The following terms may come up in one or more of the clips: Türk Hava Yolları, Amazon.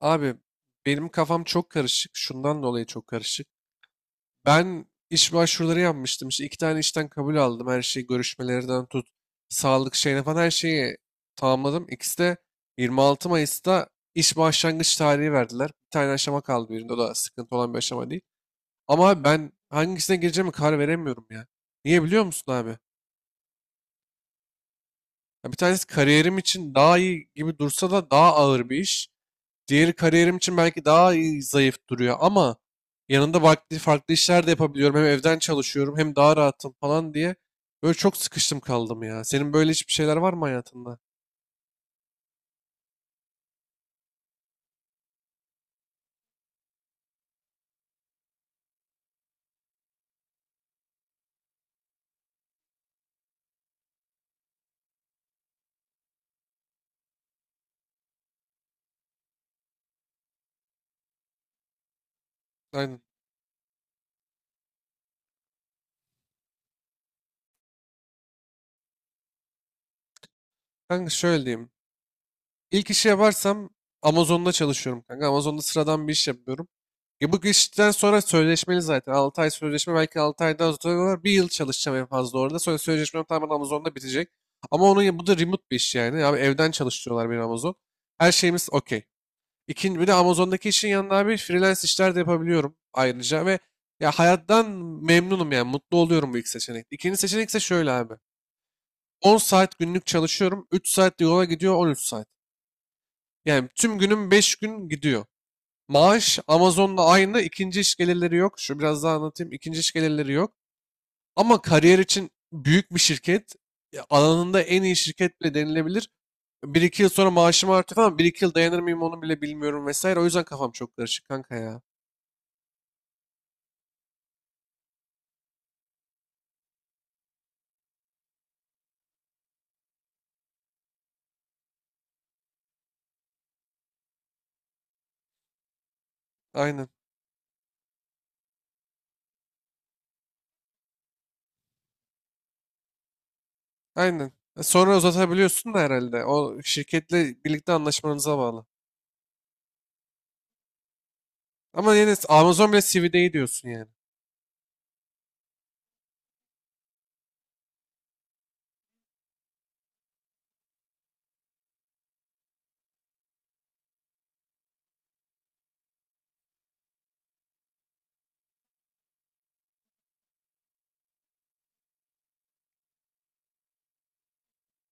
Abi benim kafam çok karışık. Şundan dolayı çok karışık. Ben iş başvuruları yapmıştım. İşte iki tane işten kabul aldım. Her şeyi görüşmelerden tut. Sağlık şeyine falan her şeyi tamamladım. İkisi de 26 Mayıs'ta iş başlangıç tarihi verdiler. Bir tane aşama kaldı birinde. O da sıkıntı olan bir aşama değil. Ama abi ben hangisine gireceğimi karar veremiyorum ya. Niye biliyor musun abi? Ya bir tanesi kariyerim için daha iyi gibi dursa da daha ağır bir iş. Diğeri kariyerim için belki daha iyi, zayıf duruyor ama yanında farklı, farklı işler de yapabiliyorum. Hem evden çalışıyorum hem daha rahatım falan diye. Böyle çok sıkıştım kaldım ya. Senin böyle hiçbir şeyler var mı hayatında? Aynen. Kanka şöyle diyeyim. İlk işi yaparsam Amazon'da çalışıyorum kanka. Amazon'da sıradan bir iş yapıyorum. E bu işten sonra sözleşmeli zaten. 6 ay sözleşme, belki 6 aydan sonra bir yıl çalışacağım en fazla orada. Sonra sözleşmem tamamen Amazon'da bitecek. Ama onun bu da remote bir iş yani. Abi evden çalıştırıyorlar beni Amazon. Her şeyimiz okey. İkinci, bir de Amazon'daki işin yanında abi freelance işler de yapabiliyorum ayrıca ve ya hayattan memnunum yani mutlu oluyorum bu ilk seçenek. İkinci seçenek ise şöyle abi. 10 saat günlük çalışıyorum. 3 saat de yola gidiyor, 13 saat. Yani tüm günüm 5 gün gidiyor. Maaş Amazon'la aynı. İkinci iş gelirleri yok. Şu biraz daha anlatayım. İkinci iş gelirleri yok. Ama kariyer için büyük bir şirket, ya alanında en iyi şirket bile denilebilir. Bir iki yıl sonra maaşım artıyor falan. Bir iki yıl dayanır mıyım onu bile bilmiyorum vesaire. O yüzden kafam çok karışık kanka ya. Aynen. Aynen. Sonra uzatabiliyorsun da herhalde. O şirketle birlikte anlaşmanıza bağlı. Ama yine Amazon bile CV'de iyi diyorsun yani.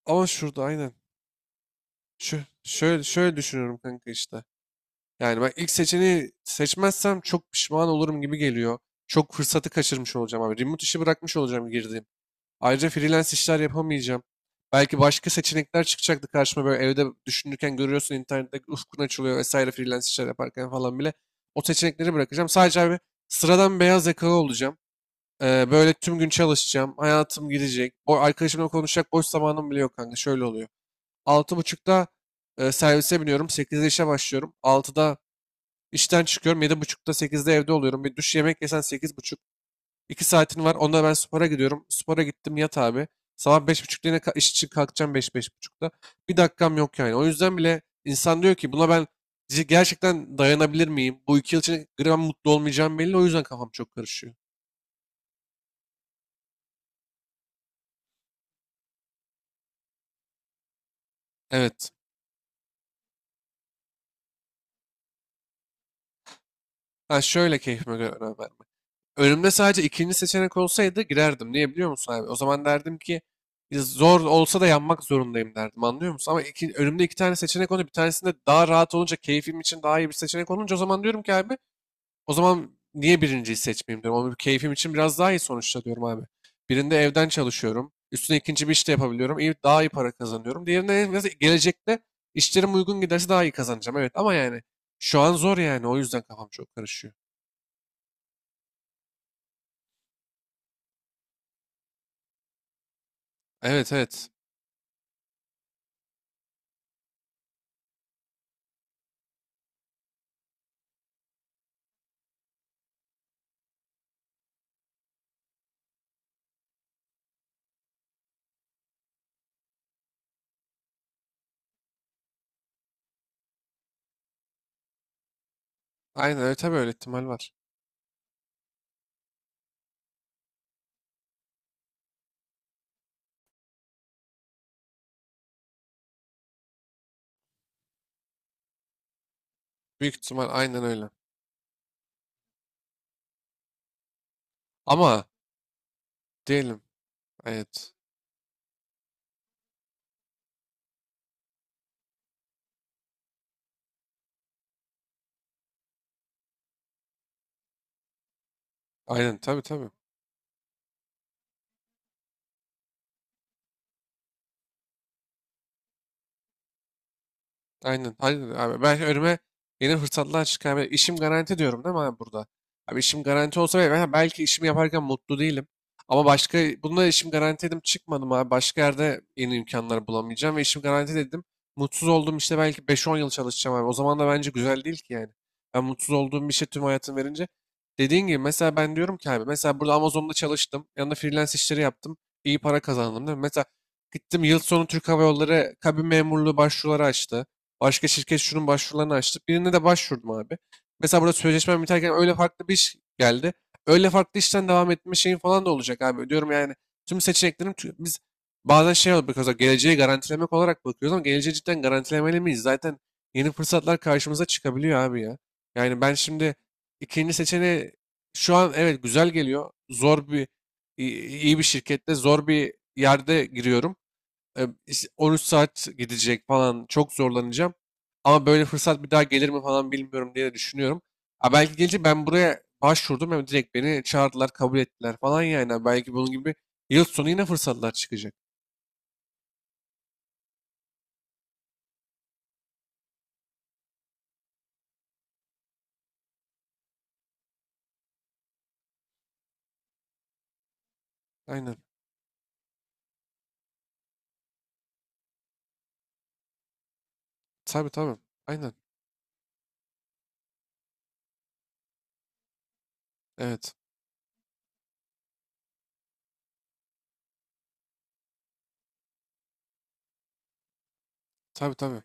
Ama şurada aynen. Şöyle şöyle düşünüyorum kanka işte. Yani ben ilk seçeneği seçmezsem çok pişman olurum gibi geliyor. Çok fırsatı kaçırmış olacağım abi. Remote işi bırakmış olacağım girdiğim. Ayrıca freelance işler yapamayacağım. Belki başka seçenekler çıkacaktı karşıma, böyle evde düşünürken görüyorsun internette ufkun açılıyor vesaire freelance işler yaparken falan bile. O seçenekleri bırakacağım. Sadece abi sıradan beyaz yakalı olacağım. Böyle tüm gün çalışacağım. Hayatım gidecek. O arkadaşımla konuşacak boş zamanım bile yok kanka. Şöyle oluyor. 6:30'da servise biniyorum. 8'de işe başlıyorum. 6'da işten çıkıyorum. 7:30, 8'de evde oluyorum. Bir duş, yemek yesen 8:30. İki saatin var. Onda ben spora gidiyorum. Spora gittim, yat abi. Sabah 5:30'da yine iş için kalkacağım, 5, 5:30'da. Bir dakikam yok yani. O yüzden bile insan diyor ki buna ben gerçekten dayanabilir miyim? Bu 2 yıl içinde gram mutlu olmayacağım belli. O yüzden kafam çok karışıyor. Evet. Ha şöyle, keyfime göre önem vermek. Önümde sadece ikinci seçenek olsaydı girerdim. Niye biliyor musun abi? O zaman derdim ki zor olsa da yanmak zorundayım derdim, anlıyor musun? Ama önümde iki tane seçenek olunca, bir tanesinde daha rahat olunca, keyfim için daha iyi bir seçenek olunca o zaman diyorum ki abi, o zaman niye birinciyi seçmeyeyim diyorum. Ama bir keyfim için biraz daha iyi sonuçta diyorum abi. Birinde evden çalışıyorum. Üstüne ikinci bir iş de yapabiliyorum. İyi, daha iyi para kazanıyorum. Diğerinde en gelecekte işlerim uygun giderse daha iyi kazanacağım. Evet ama yani şu an zor yani. O yüzden kafam çok karışıyor. Evet, evet. Aynen öyle, tabii öyle ihtimal var. Büyük ihtimal aynen öyle. Ama diyelim evet. Aynen, tabii tabii. Aynen. Aynen abi. Ben önüme Yeni fırsatlar çıkar. Ben, İşim garanti diyorum değil mi abi burada? Abi işim garanti olsa ve ben belki işimi yaparken mutlu değilim. Ama başka bunda işim garanti dedim, çıkmadım abi. Başka yerde yeni imkanlar bulamayacağım ve işim garanti dedim. Mutsuz olduğum işte belki 5-10 yıl çalışacağım abi. O zaman da bence güzel değil ki yani. Ben mutsuz olduğum bir şey tüm hayatım verince. Dediğin gibi mesela ben diyorum ki abi, mesela burada Amazon'da çalıştım. Yanında freelance işleri yaptım. İyi para kazandım değil mi? Mesela gittim, yıl sonu Türk Hava Yolları kabin memurluğu başvuruları açtı. Başka şirket şunun başvurularını açtı. Birine de başvurdum abi. Mesela burada sözleşmem biterken öyle farklı bir iş geldi. Öyle farklı işten devam etme şeyin falan da olacak abi. Diyorum yani tüm seçeneklerim biz bazen şey oluyor, mesela geleceği garantilemek olarak bakıyoruz ama geleceği cidden garantilemeli miyiz? Zaten yeni fırsatlar karşımıza çıkabiliyor abi ya. Yani ben şimdi ikinci seçeneği, şu an evet, güzel geliyor. Zor bir iyi iyi bir şirkette zor bir yerde giriyorum, 13 saat gidecek falan, çok zorlanacağım. Ama böyle fırsat bir daha gelir mi falan bilmiyorum diye de düşünüyorum. Ha belki gelince, ben buraya başvurdum, hem direkt beni çağırdılar, kabul ettiler falan yani. Ha, belki bunun gibi yıl sonu yine fırsatlar çıkacak. Aynen. Tabii tabii. Aynen. Evet. Tabii tabii.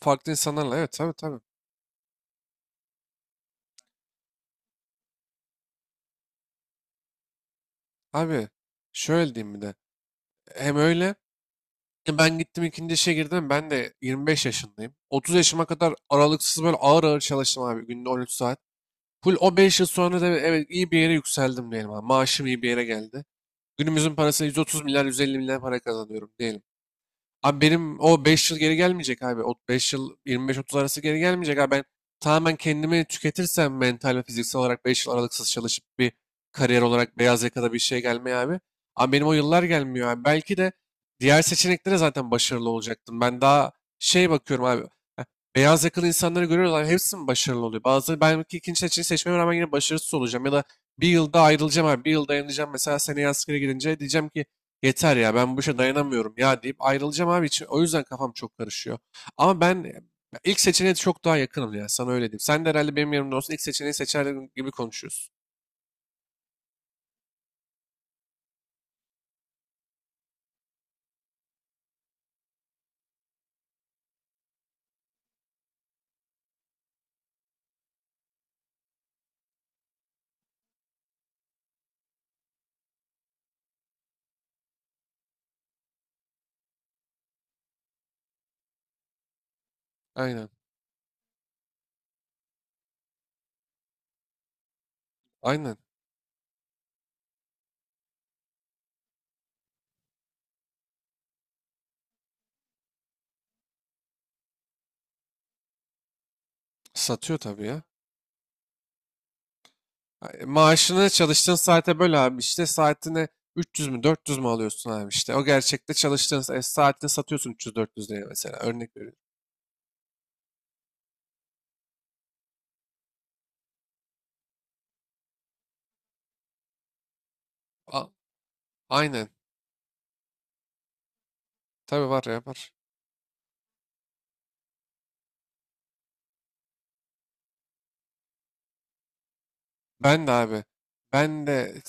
Farklı insanlarla. Evet, tabii tabii. Abi şöyle diyeyim bir de. Hem öyle ben gittim, ikinci işe girdim. Ben de 25 yaşındayım. 30 yaşıma kadar aralıksız böyle ağır ağır çalıştım abi. Günde 13 saat. Full o 5 yıl sonra da evet iyi bir yere yükseldim diyelim abi. Maaşım iyi bir yere geldi. Günümüzün parasıyla 130 milyar, 150 milyar para kazanıyorum diyelim. Abi benim o 5 yıl geri gelmeyecek abi. O 5 yıl 25-30 arası geri gelmeyecek abi. Ben tamamen kendimi tüketirsem mental ve fiziksel olarak 5 yıl aralıksız çalışıp bir kariyer olarak beyaz yakada bir şey gelmeye abi. Ama benim o yıllar gelmiyor abi. Belki de diğer seçeneklere zaten başarılı olacaktım. Ben daha şey bakıyorum abi. Heh, Beyaz yakalı insanları görüyoruz abi. Hepsi mi başarılı oluyor? Bazıları, ben belki ikinci seçeneği seçmeme rağmen yine başarısız olacağım. Ya da bir yılda ayrılacağım abi. Bir yıl dayanacağım. Mesela seneye askere gidince diyeceğim ki yeter ya, ben bu işe dayanamıyorum ya deyip ayrılacağım abi için. O yüzden kafam çok karışıyor. Ama ben ilk seçeneğe çok daha yakınım ya, sana öyle diyeyim. Sen de herhalde benim yerimde olsun ilk seçeneği seçer gibi konuşuyorsun. Aynen. Aynen. Satıyor tabii ya. Ay, maaşını çalıştığın saate böl abi, işte saatine 300 mü 400 mü alıyorsun abi işte. O gerçekte çalıştığın saatini satıyorsun 300-400 liraya, mesela örnek veriyorum. A- Aynen. Tabii var ya, var. Ben de abi. Ben de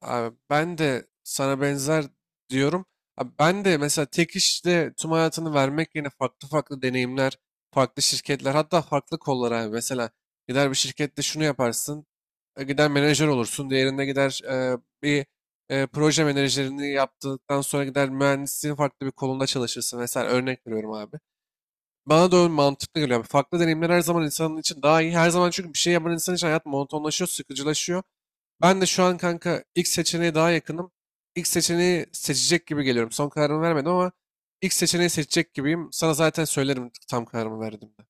Abi ben de sana benzer diyorum. Abi ben de mesela tek işte tüm hayatını vermek yerine farklı farklı deneyimler, farklı şirketler, hatta farklı kollar abi. Mesela gider bir şirkette şunu yaparsın, gider menajer olursun, diğerinde gider bir proje menajerini yaptıktan sonra gider mühendisliğin farklı bir kolunda çalışırsın. Mesela örnek veriyorum abi. Bana da öyle mantıklı geliyor. Yani farklı deneyimler her zaman insanın için daha iyi. Her zaman çünkü bir şey yapan insan için hayat monotonlaşıyor, sıkıcılaşıyor. Ben de şu an kanka ilk seçeneğe daha yakınım. İlk seçeneği seçecek gibi geliyorum. Son kararımı vermedim ama ilk seçeneği seçecek gibiyim. Sana zaten söylerim tam kararımı verdim.